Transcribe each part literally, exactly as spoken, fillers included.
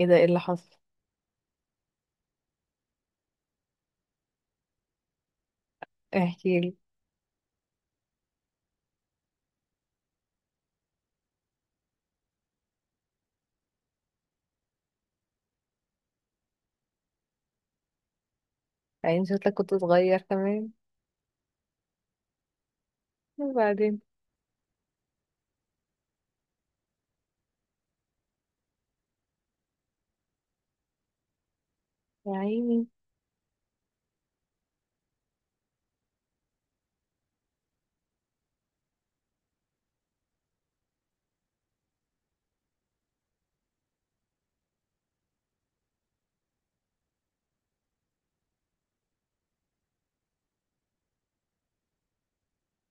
ايه ده؟ ايه اللي حصل؟ احكي لي. عيني، شكلك كنت صغير كمان. وبعدين؟ يا عيني.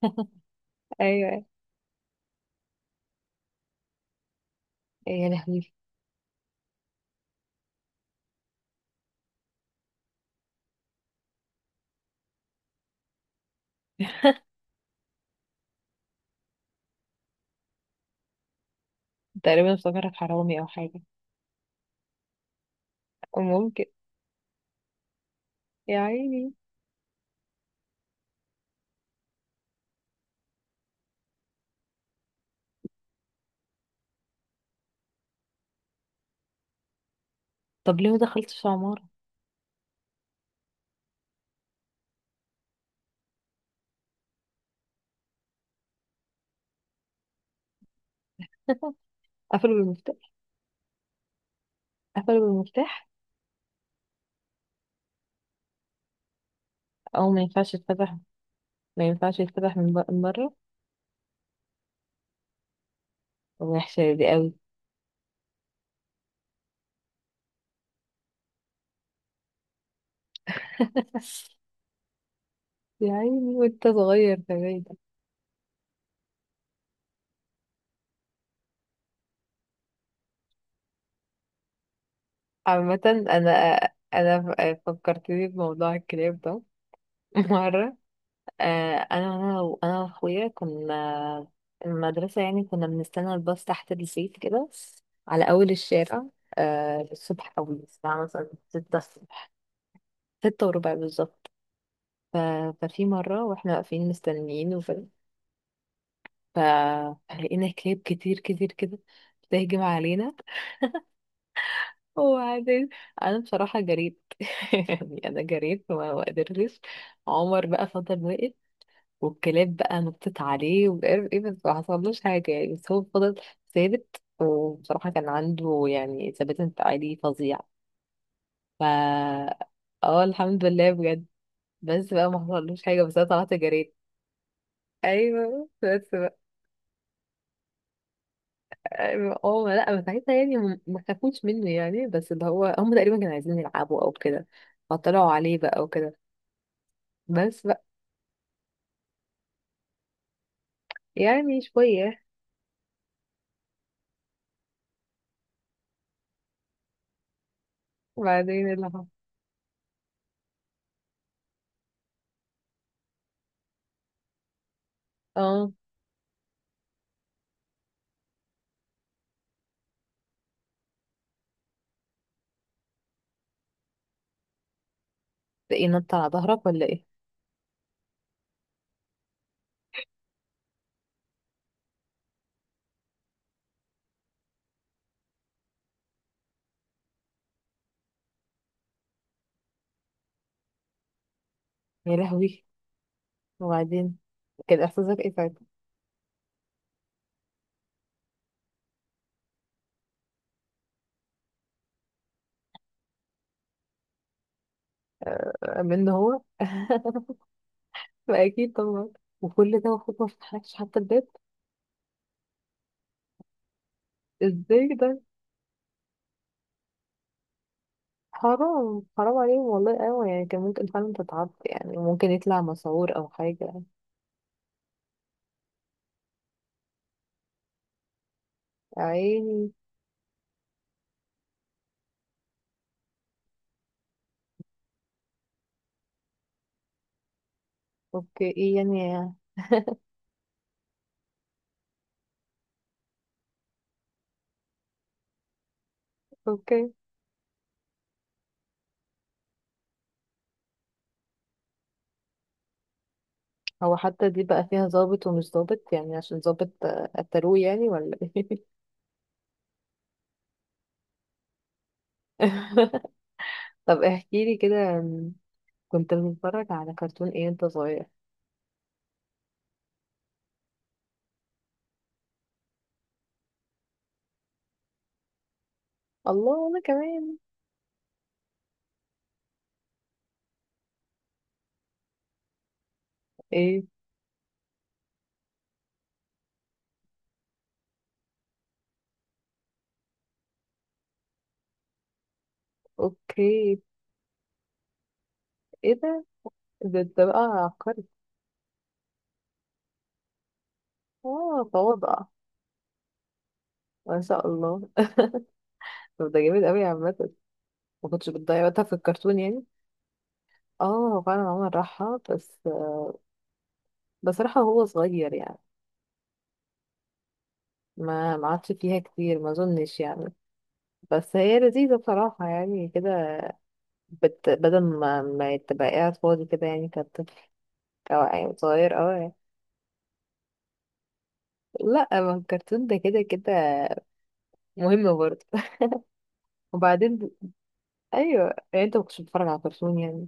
ايوه، إيه؟ يعني يا لهوي. تقريبا افتكرك حرامي او حاجه. ممكن. يا عيني. طب ليه ما دخلتش عماره؟ قفلوا بالمفتاح؟ قفلوا بالمفتاح؟ او ما ينفعش يتفتح، ما ينفعش يتفتح من ب- من بره. وحشه دي قوي. يا عيني وانت صغير كمان. عامه، انا، انا ف- فكرتني بموضوع الكلاب ده. مره، آه، انا انا و- انا واخويا كنا المدرسه، يعني كنا بنستنى الباص تحت البيت كده، على اول الشارع. آه، الصبح قوي، الساعه مثلا ستة الصبح، ستة وربع بالظبط. ف... ففي مره واحنا واقفين مستنيين، وف... ف... فلقينا كلاب كتير كتير كده بتهجم علينا. وبعدين انا بصراحه جريت. يعني انا جريت وما ما قدرتش. عمر بقى فضل واقف، والكلاب بقى نطت عليه ومش عارف ايه، بس ما حصلوش حاجة يعني، بس هو فضل ثابت، وبصراحة كان عنده يعني ثبات انفعالي فظيع. ف اه الحمد لله بجد. بس بقى ما حصلوش حاجة، بس انا طلعت جريت. ايوه بس بقى. أيوة. اه ما- لا، ما ساعتها يعني هم- ما خافوش منه يعني، بس اللي هو هم تقريبا كانوا عايزين يلعبوا او كده، فطلعوا عليه بقى وكده. بس بقى. يعني شوية. وبعدين اللي هو. اه، ده ايه؟ نط على ظهرك ولا ايه؟ يا لهوي. وبعدين، كان احساسك ايه ساعتها؟ آه، من هو. اكيد طبعا. وكل ده المفروض ما فتحلكش حتى الباب؟ ازاي ده؟ حرام حرام عليهم، والله. ايوه يعني كان ممكن فعلا تتعب، يعني ممكن يطلع مسعور او حاجه. عيني. اوكي، ايه يعني؟ اوكي. هو حتى دي بقى فيها ظابط ومش ظابط، يعني عشان ظابط آه، قتلوه يعني، ولا ايه؟ طب احكي لي كده، م، كنت بتتفرج على كرتون ايه وانت صغير؟ الله، وانا كمان. ايه؟ اوكي. ايه ده؟ ده انت بقى عبقري. اه، تواضع. ما شاء الله. طب ده جميل قوي عامة، ما كنتش بتضيع وقتها في الكرتون يعني. اه، فعلا عمر راحة، بس بصراحة هو صغير يعني، ما ما عادش فيها كتير ما اظنش يعني. بس هي لذيذة بصراحة يعني كده. بت... بدل ما ما تبقى قاعد فاضي كده يعني كطفل، او يعني صغير، او يعني. لا، ما الكرتون ده كده كده مهم برضه. وبعدين، ايوه يعني انت ما كنتش بتتفرج على كرتون يعني؟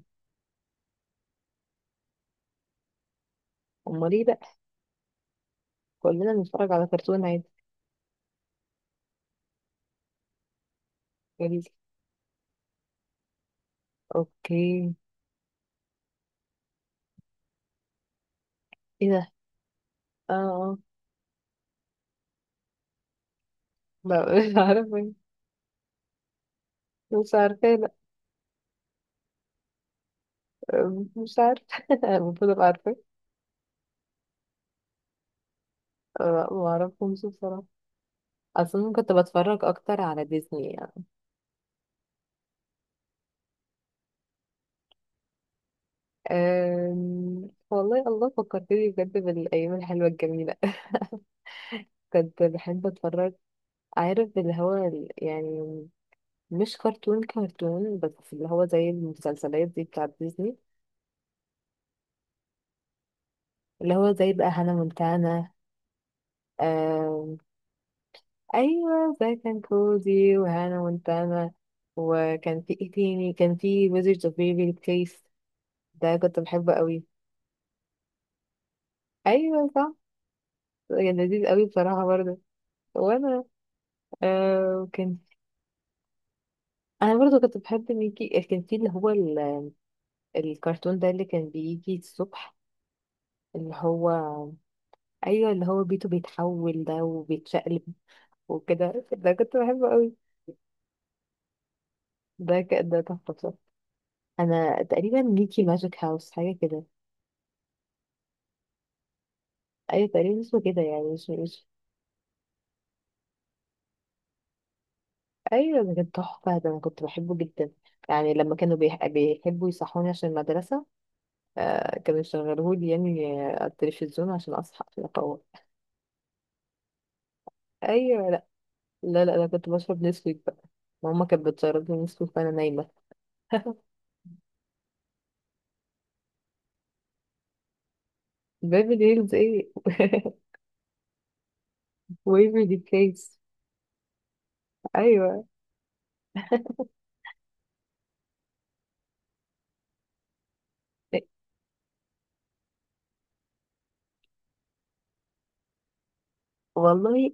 امال ايه بقى؟ كلنا بنتفرج على كرتون عادي. قال. اوكي. ايه ده؟ اه اه. ما- مش عارفه. مش عارفه، لا. مش عارفه. المفروض ابقى عارفه. آه، ما اعرفهمش بصراحه. اصلا كنت بتفرج اكتر على ديزني يعني. أم... والله، الله فكرتني بجد بالايام الحلوه الجميله. كنت بحب اتفرج، عارف اللي هو ال- يعني مش كرتون كرتون بس، اللي هو زي المسلسلات دي بتاعت ديزني. اللي هو زي بقى هانا مونتانا. ايوه، زي كان كوزي وهانا مونتانا. وكان في ايه تاني؟ كان في ويزرد اوف بيبي كيس، ده كنت بحبه قوي. ايوه صح. كان لذيذ قوي بصراحه برضه. وانا، آه كان. انا برضه كنت بحب ميكي. كان في اللي هو ال... الكرتون ده اللي كان بيجي الصبح، اللي هو، ايوه، اللي هو بيته بيتحول ده وبيتشقلب وكده، ده كنت بحبه قوي. ده ك... ده تحفه بصراحه. انا تقريبا ميكي ماجيك هاوس حاجه كده. ايوه تقريبا اسمه كده، يعني مش مش. ايوه ده كان تحفه، ده انا كنت بحبه جدا. يعني لما كانوا بيح- بيحبوا يصحوني عشان المدرسه، آه كانوا يشغلوهولي يعني، آه، على التلفزيون عشان اصحى، عشان افوق. ايوه. لا، لا لا، انا كنت بشرب نسكويك بقى، ماما كانت بتشرب لي نسكويك وانا نايمه. بيبي هيلز ايه؟ ويفرلي بليس. ايوه. والله.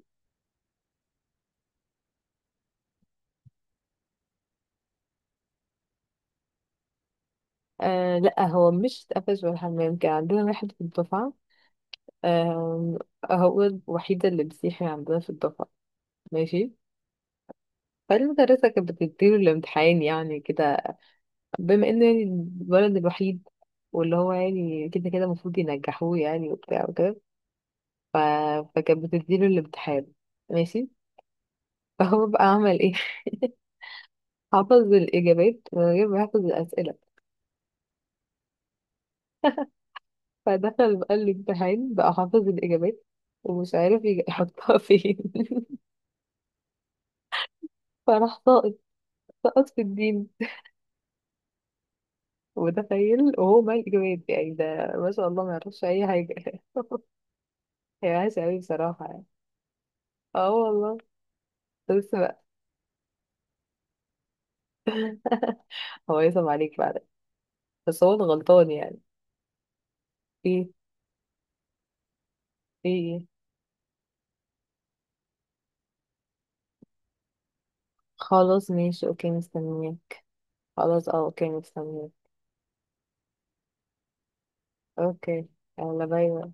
آه، لا هو مش اتقفش ولا حمام، كان عندنا واحد في الدفعة. آه، هو الوحيدة اللي بيصيح عندنا في الدفعة. ماشي. فالمدرسة كانت بتديله الامتحان، يعني كده، بما انه يعني الولد الوحيد، واللي هو يعني كده كده المفروض ينجحوه يعني، وبتاع وكده. ف... فكانت بتديله الامتحان، ماشي. فهو بقى عمل ايه؟ حفظ الإجابات من غير ما يحفظ الأسئلة. فدخل بقى الامتحان بقى حافظ الإجابات، ومش عارف يج- يحطها فين. فراح ساقط، سقط في الدين. متخيل، وهو ما الإجابات يعني ده، ما شاء الله ما يعرفش أي حاجة. هي وحشة أوي بصراحة. اه والله. بس بقى. هو يسمع عليك بعد. بس هو الغلطان يعني. ايه ايه إيه؟ خلاص ماشي اوكي مستنياه. خلاص، اه اوكي مستنياه. اوكي. يلا باي باي.